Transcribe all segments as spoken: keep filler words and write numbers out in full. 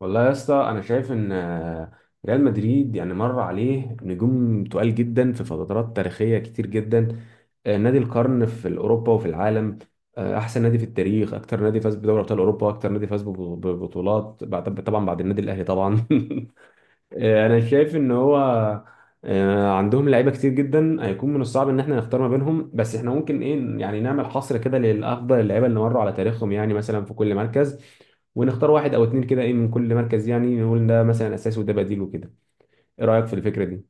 والله يا اسطى، انا شايف ان آه، ريال مدريد يعني مر عليه نجوم تقال جدا في فترات تاريخيه كتير جدا. آه، نادي القرن في اوروبا وفي العالم. آه، احسن نادي في التاريخ، اكتر نادي فاز بدوري ابطال اوروبا، اكتر نادي فاز بب- ببطولات بعد- طبعا بعد النادي الاهلي طبعا آه، انا شايف ان هو آه، عندهم لعيبه كتير جدا، هيكون من الصعب ان احنا نختار ما بينهم، بس احنا ممكن ايه يعني نعمل حصر كده للافضل اللعيبه اللي مروا على تاريخهم، يعني مثلا في كل مركز ونختار واحد او اتنين كده ايه من كل مركز، يعني نقول ده مثلا اساسي وده بديل وكده. ايه رايك في الفكره دي؟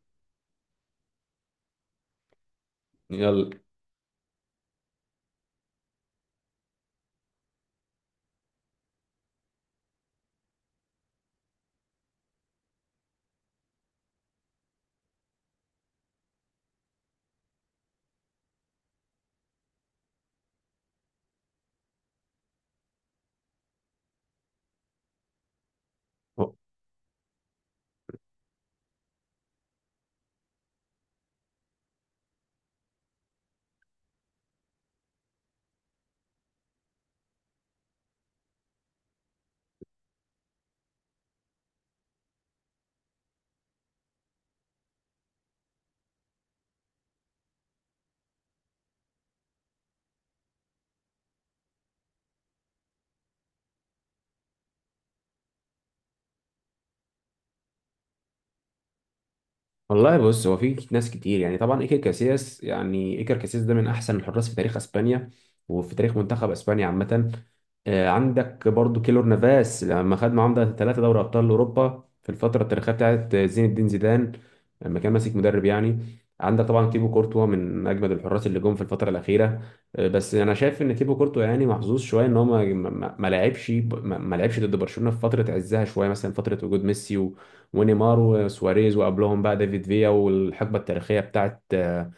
يلا. والله بص، هو في ناس كتير، يعني طبعا ايكر كاسياس، يعني ايكر كاسياس ده من احسن الحراس في تاريخ اسبانيا وفي تاريخ منتخب اسبانيا عامه. آه، عندك برضو كيلور نافاس لما خد معاهم ده ثلاثة دوري ابطال اوروبا في الفتره التاريخيه بتاعت زين الدين زيدان لما كان ماسك مدرب يعني. عندك طبعا تيبو كورتوا من اجمد الحراس اللي جم في الفتره الاخيره. آه، بس انا شايف ان تيبو كورتوا يعني محظوظ شويه ان هو ما ما- ما لعبش ما ما لعبش ضد برشلونه في فتره عزها شويه، مثلا فتره وجود ميسي ونيمار وسواريز، وقبلهم بقى ديفيد فيا والحقبه التاريخيه بتاعت آه،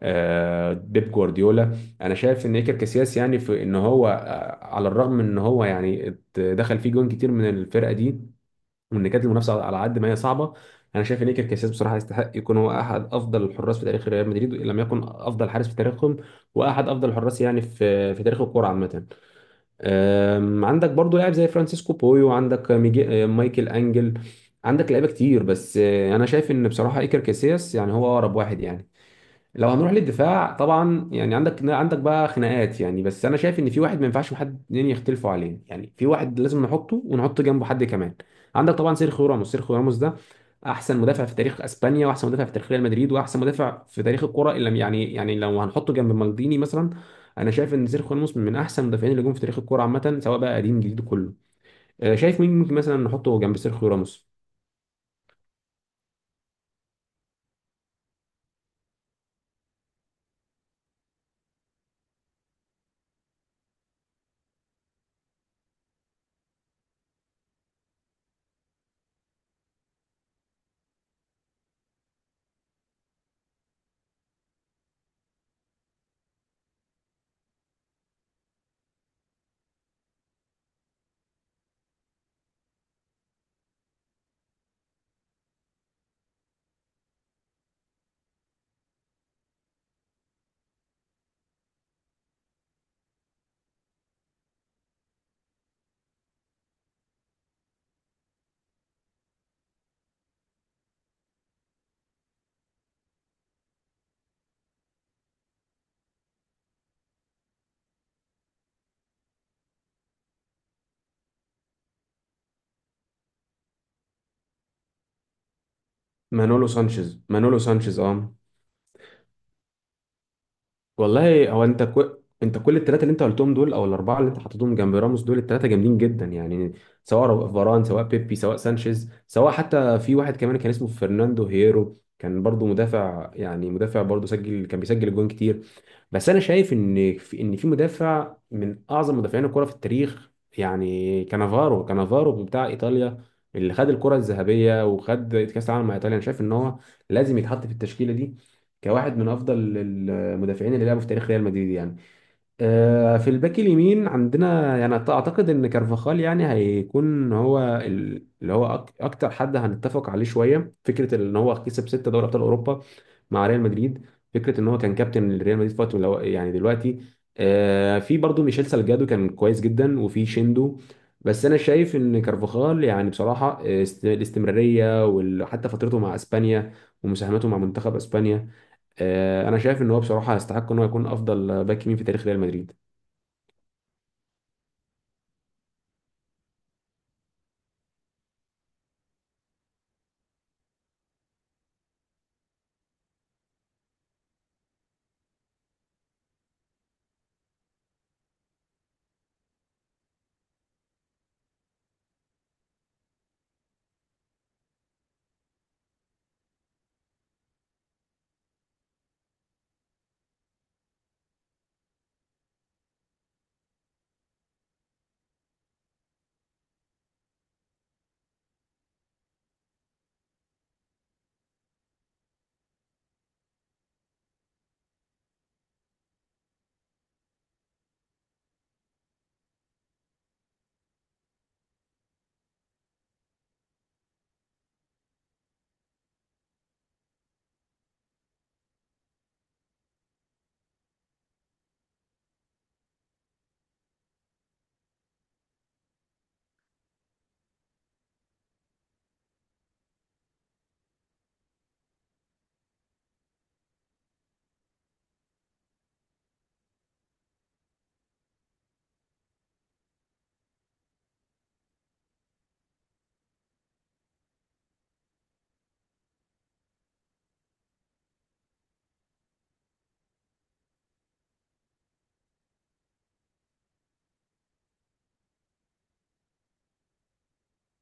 آه، بيب جوارديولا. انا شايف ان ايكر كاسياس يعني في ان هو آه، على الرغم من ان هو يعني ات- دخل فيه جون كتير من الفرقه دي، وان كانت المنافسه على قد ما هي صعبه، انا شايف ان ايكر كاسياس بصراحه يستحق يكون هو احد افضل الحراس في تاريخ ريال مدريد ان لم يكن افضل حارس في تاريخهم، واحد افضل الحراس يعني في في تاريخ الكوره عامه. أم، عندك برضو لاعب زي فرانسيسكو بويو، عندك ميجي... أم، مايكل انجل. عندك لعيبه كتير، بس أه، انا شايف ان بصراحه ايكر كاسياس يعني هو اقرب واحد يعني. لو هنروح للدفاع طبعا يعني عندك عندك بقى خناقات يعني، بس انا شايف ان في واحد ما ينفعش حد اتنين يختلفوا عليه، يعني في واحد لازم نحطه ونحط جنبه حد كمان. عندك طبعا سيرخيو راموس، سيرخيو راموس ده احسن مدافع في تاريخ اسبانيا، واحسن مدافع في تاريخ ريال مدريد، واحسن مدافع في تاريخ الكرة اللي يعني يعني لو هنحطه جنب مالديني مثلا. انا شايف ان سيرخيو راموس من احسن المدافعين اللي جم في تاريخ الكرة عامة، سواء بقى قديم جديد كله. آه، شايف مين ممكن مثلا نحطه جنب سيرخيو راموس؟ مانولو سانشيز، مانولو سانشيز اه. والله هو انت كو... انت كل الثلاثه اللي انت قلتهم دول او الاربعه اللي انت حطيتهم جنب راموس دول الثلاثه جامدين جدا يعني، سواء رو- فاران، سواء بيبي، سواء سانشيز، سواء حتى في واحد كمان كان اسمه فرناندو هيرو كان برضو مدافع، يعني مدافع برضو سجل كان بيسجل جوان كتير. بس انا شايف ان في ان في مدافع من اعظم مدافعين الكره في التاريخ، يعني كانافارو، كانافارو بتاع ايطاليا اللي خد الكره الذهبيه وخد كاس العالم مع ايطاليا، انا شايف ان هو لازم يتحط في التشكيله دي كواحد من افضل المدافعين اللي لعبوا في تاريخ ريال مدريد يعني. آه، في الباك اليمين عندنا يعني أعت- اعتقد ان كارفاخال يعني هيكون هو ال- اللي هو أك- اكتر حد هنتفق عليه شويه، فكره ان هو كسب ستة دوري ابطال اوروبا مع ريال مدريد، فكره ان هو كان كابتن لريال مدريد فتره من الأو- يعني دلوقتي. آه، في برضه ميشيل سالجادو كان كويس جدا، وفي شيندو، بس انا شايف ان كارفاخال يعني بصراحه آه، است- الاستمراريه وحتى فترته مع اسبانيا ومساهمته مع منتخب اسبانيا، آه، انا شايف ان هو بصراحه يستحق ان هو يكون افضل باك يمين في تاريخ ريال مدريد.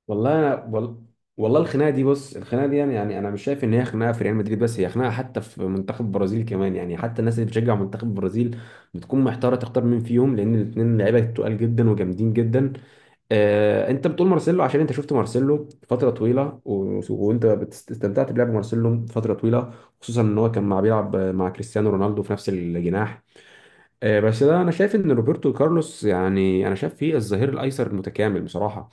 والله انا وال... والله الخناقه دي، بص الخناقه دي يعني، يعني انا مش شايف ان هي خناقه في ريال مدريد بس، هي خناقه حتى في منتخب البرازيل كمان يعني، حتى الناس اللي بتشجع منتخب البرازيل بتكون محتاره تختار مين فيهم لان الاثنين لعيبه تقال جدا وجامدين جدا. آه، انت بتقول مارسيلو عشان انت شفت مارسيلو فتره طويله و... وانت بتست- استمتعت بلعب مارسيلو فتره طويله، خصوصا ان هو كان مع بيلعب مع كريستيانو رونالدو في نفس الجناح. آه، بس ده انا شايف ان روبرتو كارلوس، يعني انا شايف فيه الظهير الايسر المتكامل بصراحه.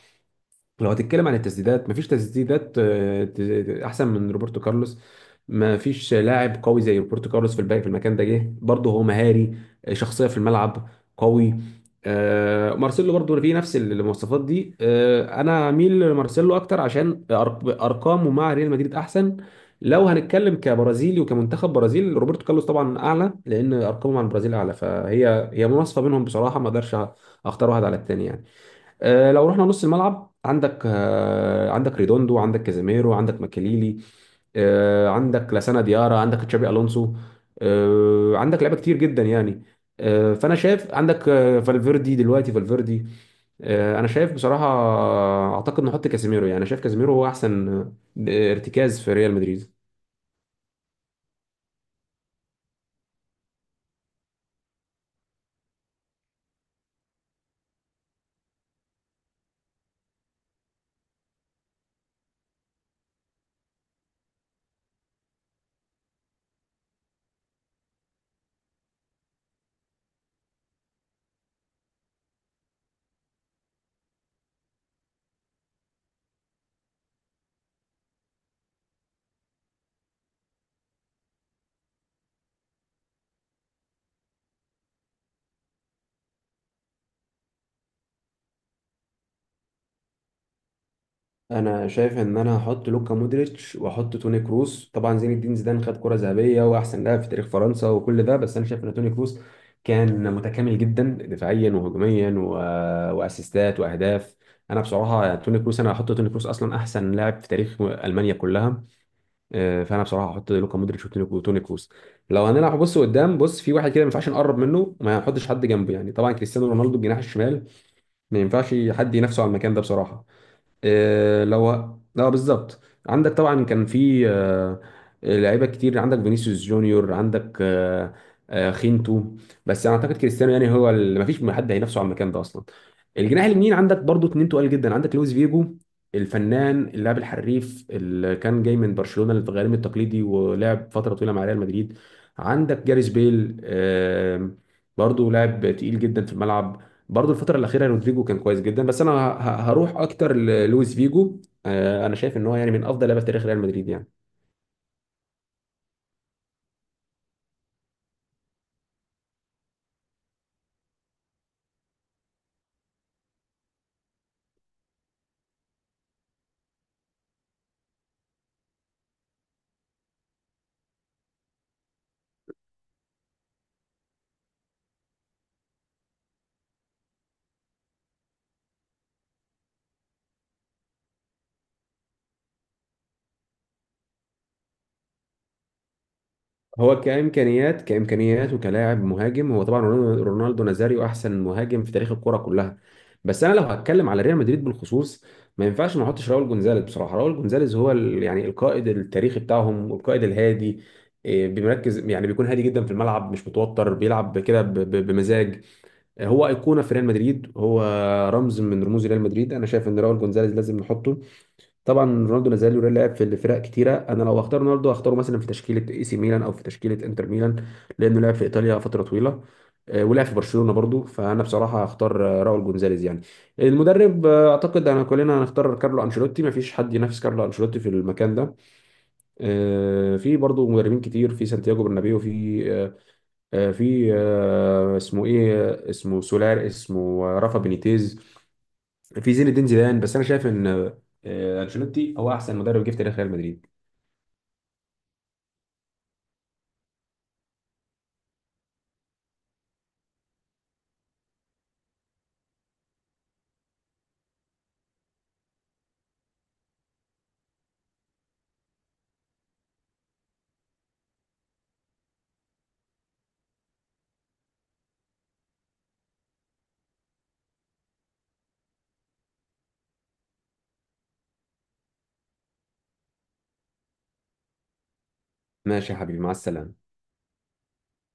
لو هتتكلم عن التسديدات مفيش تسديدات آه، ت- ت- احسن من روبرتو كارلوس، مفيش لاعب قوي زي روبرتو كارلوس في الباقي في المكان ده، جه برضه هو مهاري، آه، شخصيه في الملعب، قوي. آه، مارسيلو برضه فيه نفس المواصفات دي، آه، انا اميل لمارسيلو اكتر عشان أرق- ارقامه مع ريال مدريد احسن. لو هنتكلم كبرازيلي وكمنتخب برازيل روبرتو كارلوس طبعا اعلى، لان ارقامه مع البرازيل اعلى، فهي هي مناصفه بينهم بصراحه، ما اقدرش اختار واحد على التاني يعني. آه، لو رحنا نص الملعب، عندك آه، عندك ريدوندو، عندك كازيميرو، عندك ماكاليلي، آه، عندك لاسانا ديارا، عندك تشابي الونسو، آه، عندك لعيبه كتير جدا يعني. آه، فانا شايف عندك آه، فالفيردي، دلوقتي فالفيردي. آه، انا شايف بصراحه آه، اعتقد نحط كازيميرو، يعني انا شايف كازيميرو هو احسن آه، ارتكاز في ريال مدريد. انا شايف ان انا هحط لوكا مودريتش واحط توني كروس، طبعا زين الدين زيدان خد كرة ذهبية واحسن لاعب في تاريخ فرنسا وكل ده، بس انا شايف ان توني كروس كان متكامل جدا دفاعيا وهجوميا و... واسيستات واهداف. انا بصراحة توني كروس انا هحط توني كروس اصلا احسن لاعب في تاريخ المانيا كلها. آه، فانا بصراحة هحط لوكا مودريتش وتوني وتوني كروس. لو هنلعب بص قدام، بص في واحد كده ما ينفعش نقرب منه، ما هنحطش حد جنبه يعني، طبعا كريستيانو رونالدو الجناح الشمال، ما ينفعش حد ينافسه على المكان ده بصراحة. آه، لو لا، بالظبط. عندك طبعا كان في آه، لعيبه كتير، عندك فينيسيوس جونيور، عندك آه، آه، خينتو. بس انا اعتقد كريستيانو يعني هو اللي ما فيش حد هينافسه على المكان ده اصلا. الجناح اليمين عندك برضو اتنين تقال جدا، عندك لويس فيجو، الفنان اللاعب الحريف اللي كان جاي من برشلونه الغريم التقليدي ولعب فتره طويله مع ريال مدريد. عندك جاريس بيل، آه، برضو لاعب تقيل جدا في الملعب، برضو الفترة الأخيرة رودريجو كان كويس جدا، بس أنا ه- ه- هروح أكتر للويس فيجو. آه، أنا شايف إن هو يعني من أفضل لعيبة في تاريخ ريال مدريد يعني. هو كإمكانيات، كإمكانيات وكلاعب مهاجم، هو طبعا رونالدو، رونالدو نازاريو أحسن مهاجم في تاريخ الكرة كلها. بس أنا لو هتكلم على ريال مدريد بالخصوص ما ينفعش ما احطش راؤول جونزاليز، بصراحة راؤول جونزاليز هو ال- يعني القائد التاريخي بتاعهم والقائد الهادي، آه، بيركز، يعني بيكون هادي جدا في الملعب، مش متوتر، بيلعب كده ب- ب- بمزاج. هو ايقونه في ريال مدريد، هو رمز من رموز ريال مدريد، انا شايف ان راول جونزاليز لازم نحطه. طبعا رونالدو لازال يرا- لعب في فرق كتيره، انا لو اختار رونالدو هختاره مثلا في تشكيله اي سي ميلان او في تشكيله انتر ميلان، لانه لعب في ايطاليا فتره طويله، آه، ولعب في برشلونه برضو، فانا بصراحه هختار آه، راول جونزاليز يعني. المدرب آه، اعتقد انا كلنا هنختار كارلو انشيلوتي، ما فيش حد ينافس كارلو انشيلوتي في المكان ده. آه، في برضو مدربين كتير في سانتياغو برنابيو، في آه، آه، في آه، اسمه ايه، آه، اسمه سولار، اسمه آه، رافا بينيتيز، في زين الدين زيدان، بس انا شايف ان آه، آه، انشيلوتي هو احسن مدرب جه في تاريخ ريال مدريد. ماشي يا حبيبي، مع السلامه.